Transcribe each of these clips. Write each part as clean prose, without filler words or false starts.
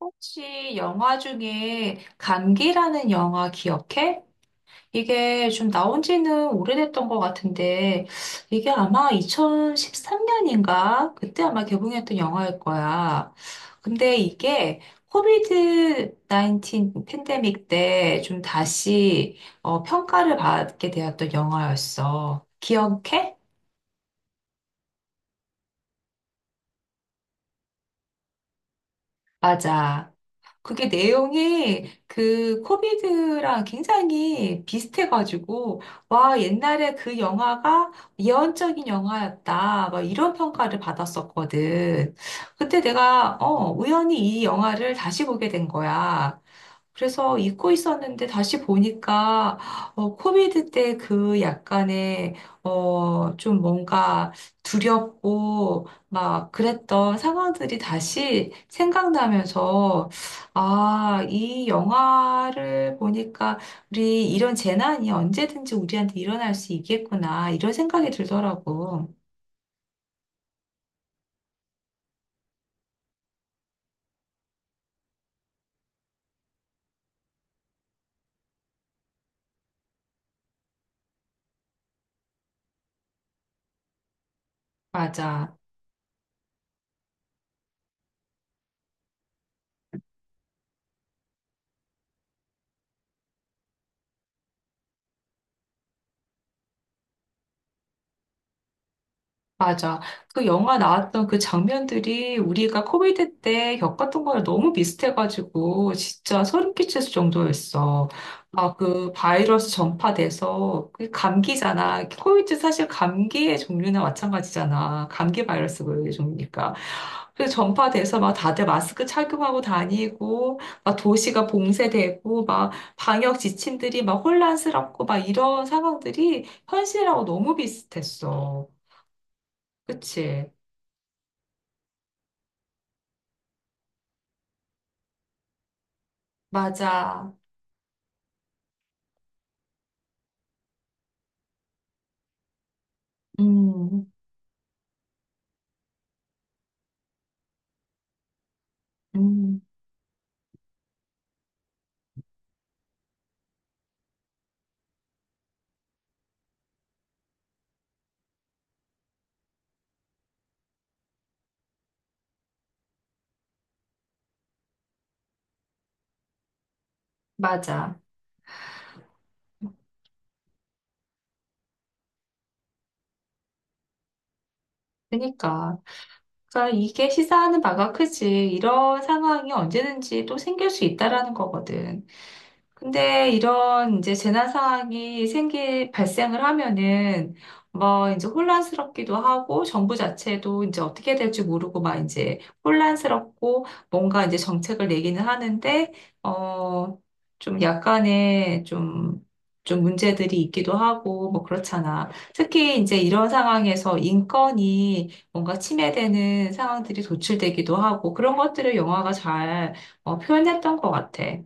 혹시 영화 중에 감기라는 영화 기억해? 이게 좀 나온 지는 오래됐던 것 같은데, 이게 아마 2013년인가? 그때 아마 개봉했던 영화일 거야. 근데 이게 코비드 19 팬데믹 때 좀 다시 평가를 받게 되었던 영화였어. 기억해? 맞아. 그게 내용이 그 코미드랑 굉장히 비슷해가지고, 와, 옛날에 그 영화가 예언적인 영화였다. 막 이런 평가를 받았었거든. 그때 내가, 우연히 이 영화를 다시 보게 된 거야. 그래서 잊고 있었는데 다시 보니까 코비드 때 그 약간의 좀 뭔가 두렵고 막 그랬던 상황들이 다시 생각나면서 아, 이 영화를 보니까 우리 이런 재난이 언제든지 우리한테 일어날 수 있겠구나 이런 생각이 들더라고. 맞아. 맞아. 그 영화 나왔던 그 장면들이 우리가 코비드 때 겪었던 거랑 너무 비슷해가지고 진짜 소름 끼칠 정도였어. 아, 그 바이러스 전파돼서 그 감기잖아. 코비드 사실 감기의 종류나 마찬가지잖아. 감기 바이러스 그 종류니까. 그래서 전파돼서 막 다들 마스크 착용하고 다니고 막 도시가 봉쇄되고 막 방역 지침들이 막 혼란스럽고 막 이런 상황들이 현실하고 너무 비슷했어. 그치. 맞아. 음, 음, 맞아. 그러니까. 그러니까 이게 시사하는 바가 크지. 이런 상황이 언제든지 또 생길 수 있다라는 거거든. 근데 이런 이제 재난 상황이 생기, 발생을 하면은 뭐 이제 혼란스럽기도 하고 정부 자체도 이제 어떻게 될지 모르고 막 이제 혼란스럽고 뭔가 이제 정책을 내기는 하는데 어, 좀 약간의 좀 문제들이 있기도 하고 뭐 그렇잖아. 특히 이제 이런 상황에서 인권이 뭔가 침해되는 상황들이 도출되기도 하고 그런 것들을 영화가 잘 표현했던 것 같아.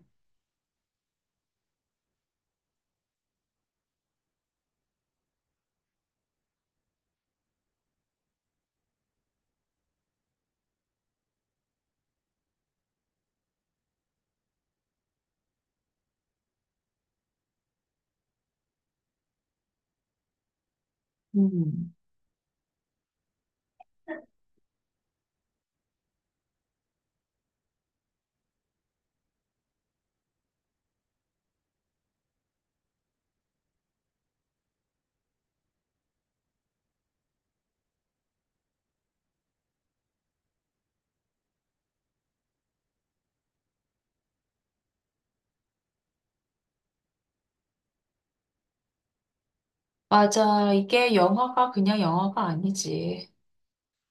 음. 맞아. 이게 영화가 그냥 영화가 아니지.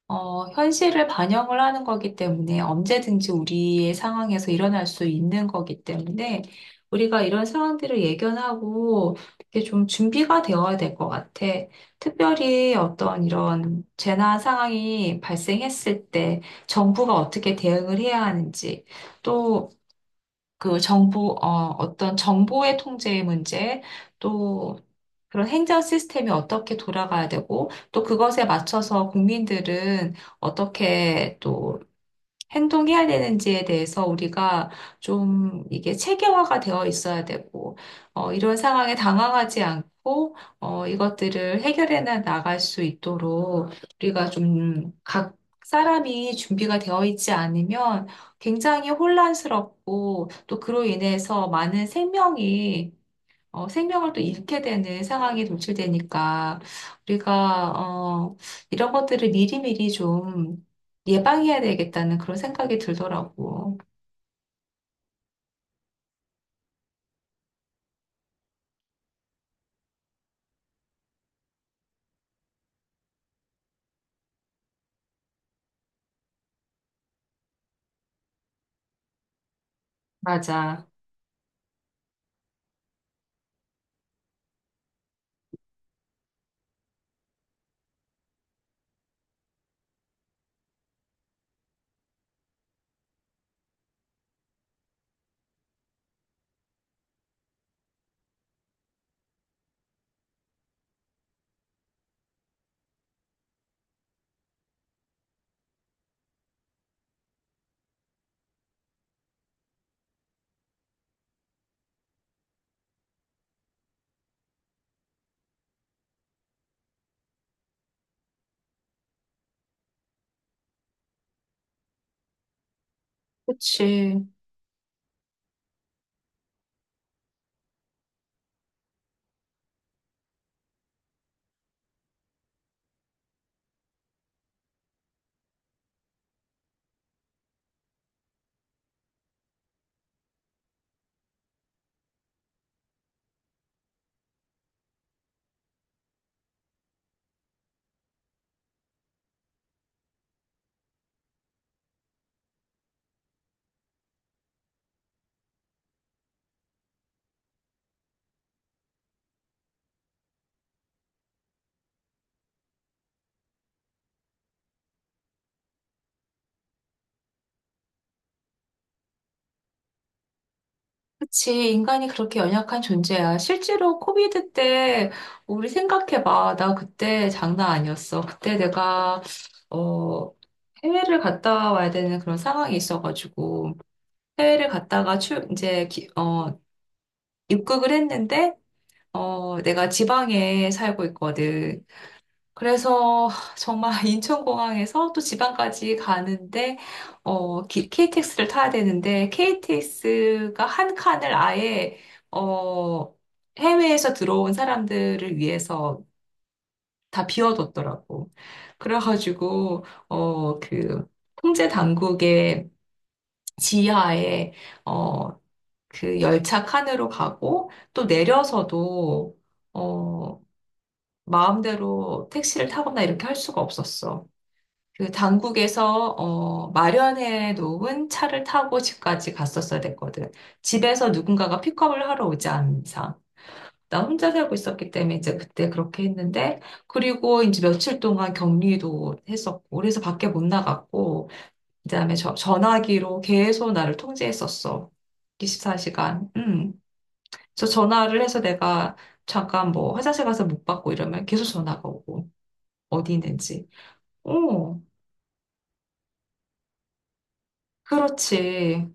현실을 반영을 하는 거기 때문에 언제든지 우리의 상황에서 일어날 수 있는 거기 때문에 우리가 이런 상황들을 예견하고 이게 좀 준비가 되어야 될 것 같아. 특별히 어떤 이런 재난 상황이 발생했을 때 정부가 어떻게 대응을 해야 하는지 또 그 정부, 어떤 정보의 통제의 문제, 또 그런 행정 시스템이 어떻게 돌아가야 되고, 또 그것에 맞춰서 국민들은 어떻게 또 행동해야 되는지에 대해서 우리가 좀 이게 체계화가 되어 있어야 되고, 이런 상황에 당황하지 않고, 이것들을 해결해 나갈 수 있도록 우리가 좀 각 사람이 준비가 되어 있지 않으면 굉장히 혼란스럽고 또 그로 인해서 많은 생명이 생명을 또 잃게 되는 상황이 도출되니까 우리가 이런 것들을 미리미리 좀 예방해야 되겠다는 그런 생각이 들더라고. 맞아. 그치. 그치. 인간이 그렇게 연약한 존재야. 실제로 코비드 때 우리 생각해봐. 나 그때 장난 아니었어. 그때 내가 어, 해외를 갔다 와야 되는 그런 상황이 있어가지고 해외를 갔다가 출 이제 기- 어, 입국을 했는데 내가 지방에 살고 있거든. 그래서 정말 인천공항에서 또 지방까지 가는데, KTX를 타야 되는데, KTX가 한 칸을 아예, 어, 해외에서 들어온 사람들을 위해서 다 비워뒀더라고. 그래가지고, 어, 그, 통제 당국의 지하에, 어, 그 열차 칸으로 가고, 또 내려서도, 어, 마음대로 택시를 타거나 이렇게 할 수가 없었어. 그 당국에서 마련해 놓은 차를 타고 집까지 갔었어야 됐거든. 집에서 누군가가 픽업을 하러 오지 않은 이상. 나 혼자 살고 있었기 때문에 이제 그때 그렇게 했는데, 그리고 이제 며칠 동안 격리도 했었고, 그래서 밖에 못 나갔고, 그다음에 전화기로 계속 나를 통제했었어. 24시간. 저 전화를 해서 내가 잠깐 뭐 화장실 가서 못 받고 이러면 계속 전화가 오고. 어디 있는지. 어, 그렇지.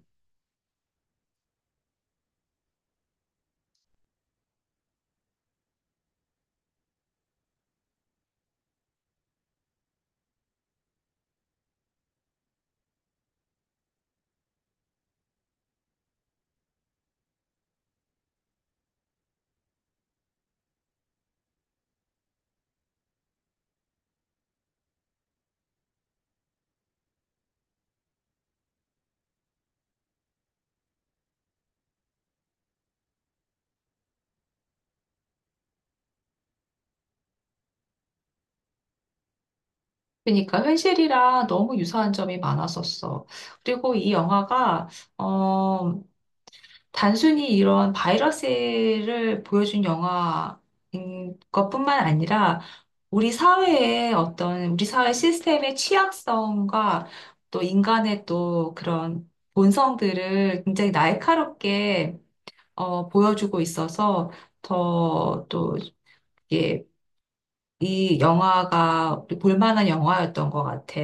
그러니까 현실이랑 너무 유사한 점이 많았었어. 그리고 이 영화가 어, 단순히 이런 바이러스를 보여준 영화인 것뿐만 아니라 우리 사회의 어떤 우리 사회 시스템의 취약성과 또 인간의 또 그런 본성들을 굉장히 날카롭게 보여주고 있어서 더또 이 영화가 우리 볼만한 영화였던 것 같아.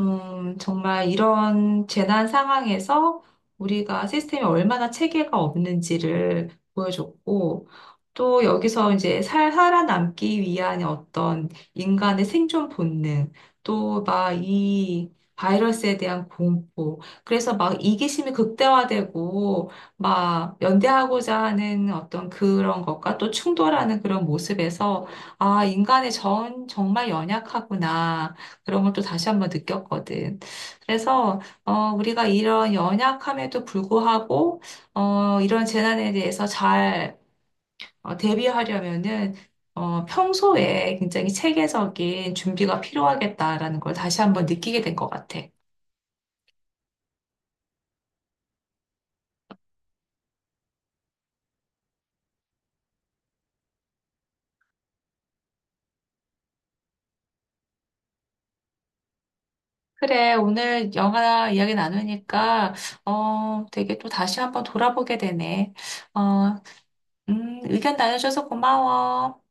정말 이런 재난 상황에서 우리가 시스템이 얼마나 체계가 없는지를 보여줬고, 또 여기서 이제 살아남기 위한 어떤 인간의 생존 본능, 또 막 이 바이러스에 대한 공포, 그래서 막 이기심이 극대화되고, 막 연대하고자 하는 어떤 그런 것과 또 충돌하는 그런 모습에서 아, 인간의 정말 연약하구나. 그런 걸 또 다시 한번 느꼈거든. 그래서, 우리가 이런 연약함에도 불구하고, 이런 재난에 대해서 잘 대비하려면은, 평소에 굉장히 체계적인 준비가 필요하겠다라는 걸 다시 한번 느끼게 된 것 같아. 그래, 오늘 영화 이야기 나누니까, 되게 또 다시 한번 돌아보게 되네. 어, 의견 나눠줘서 고마워.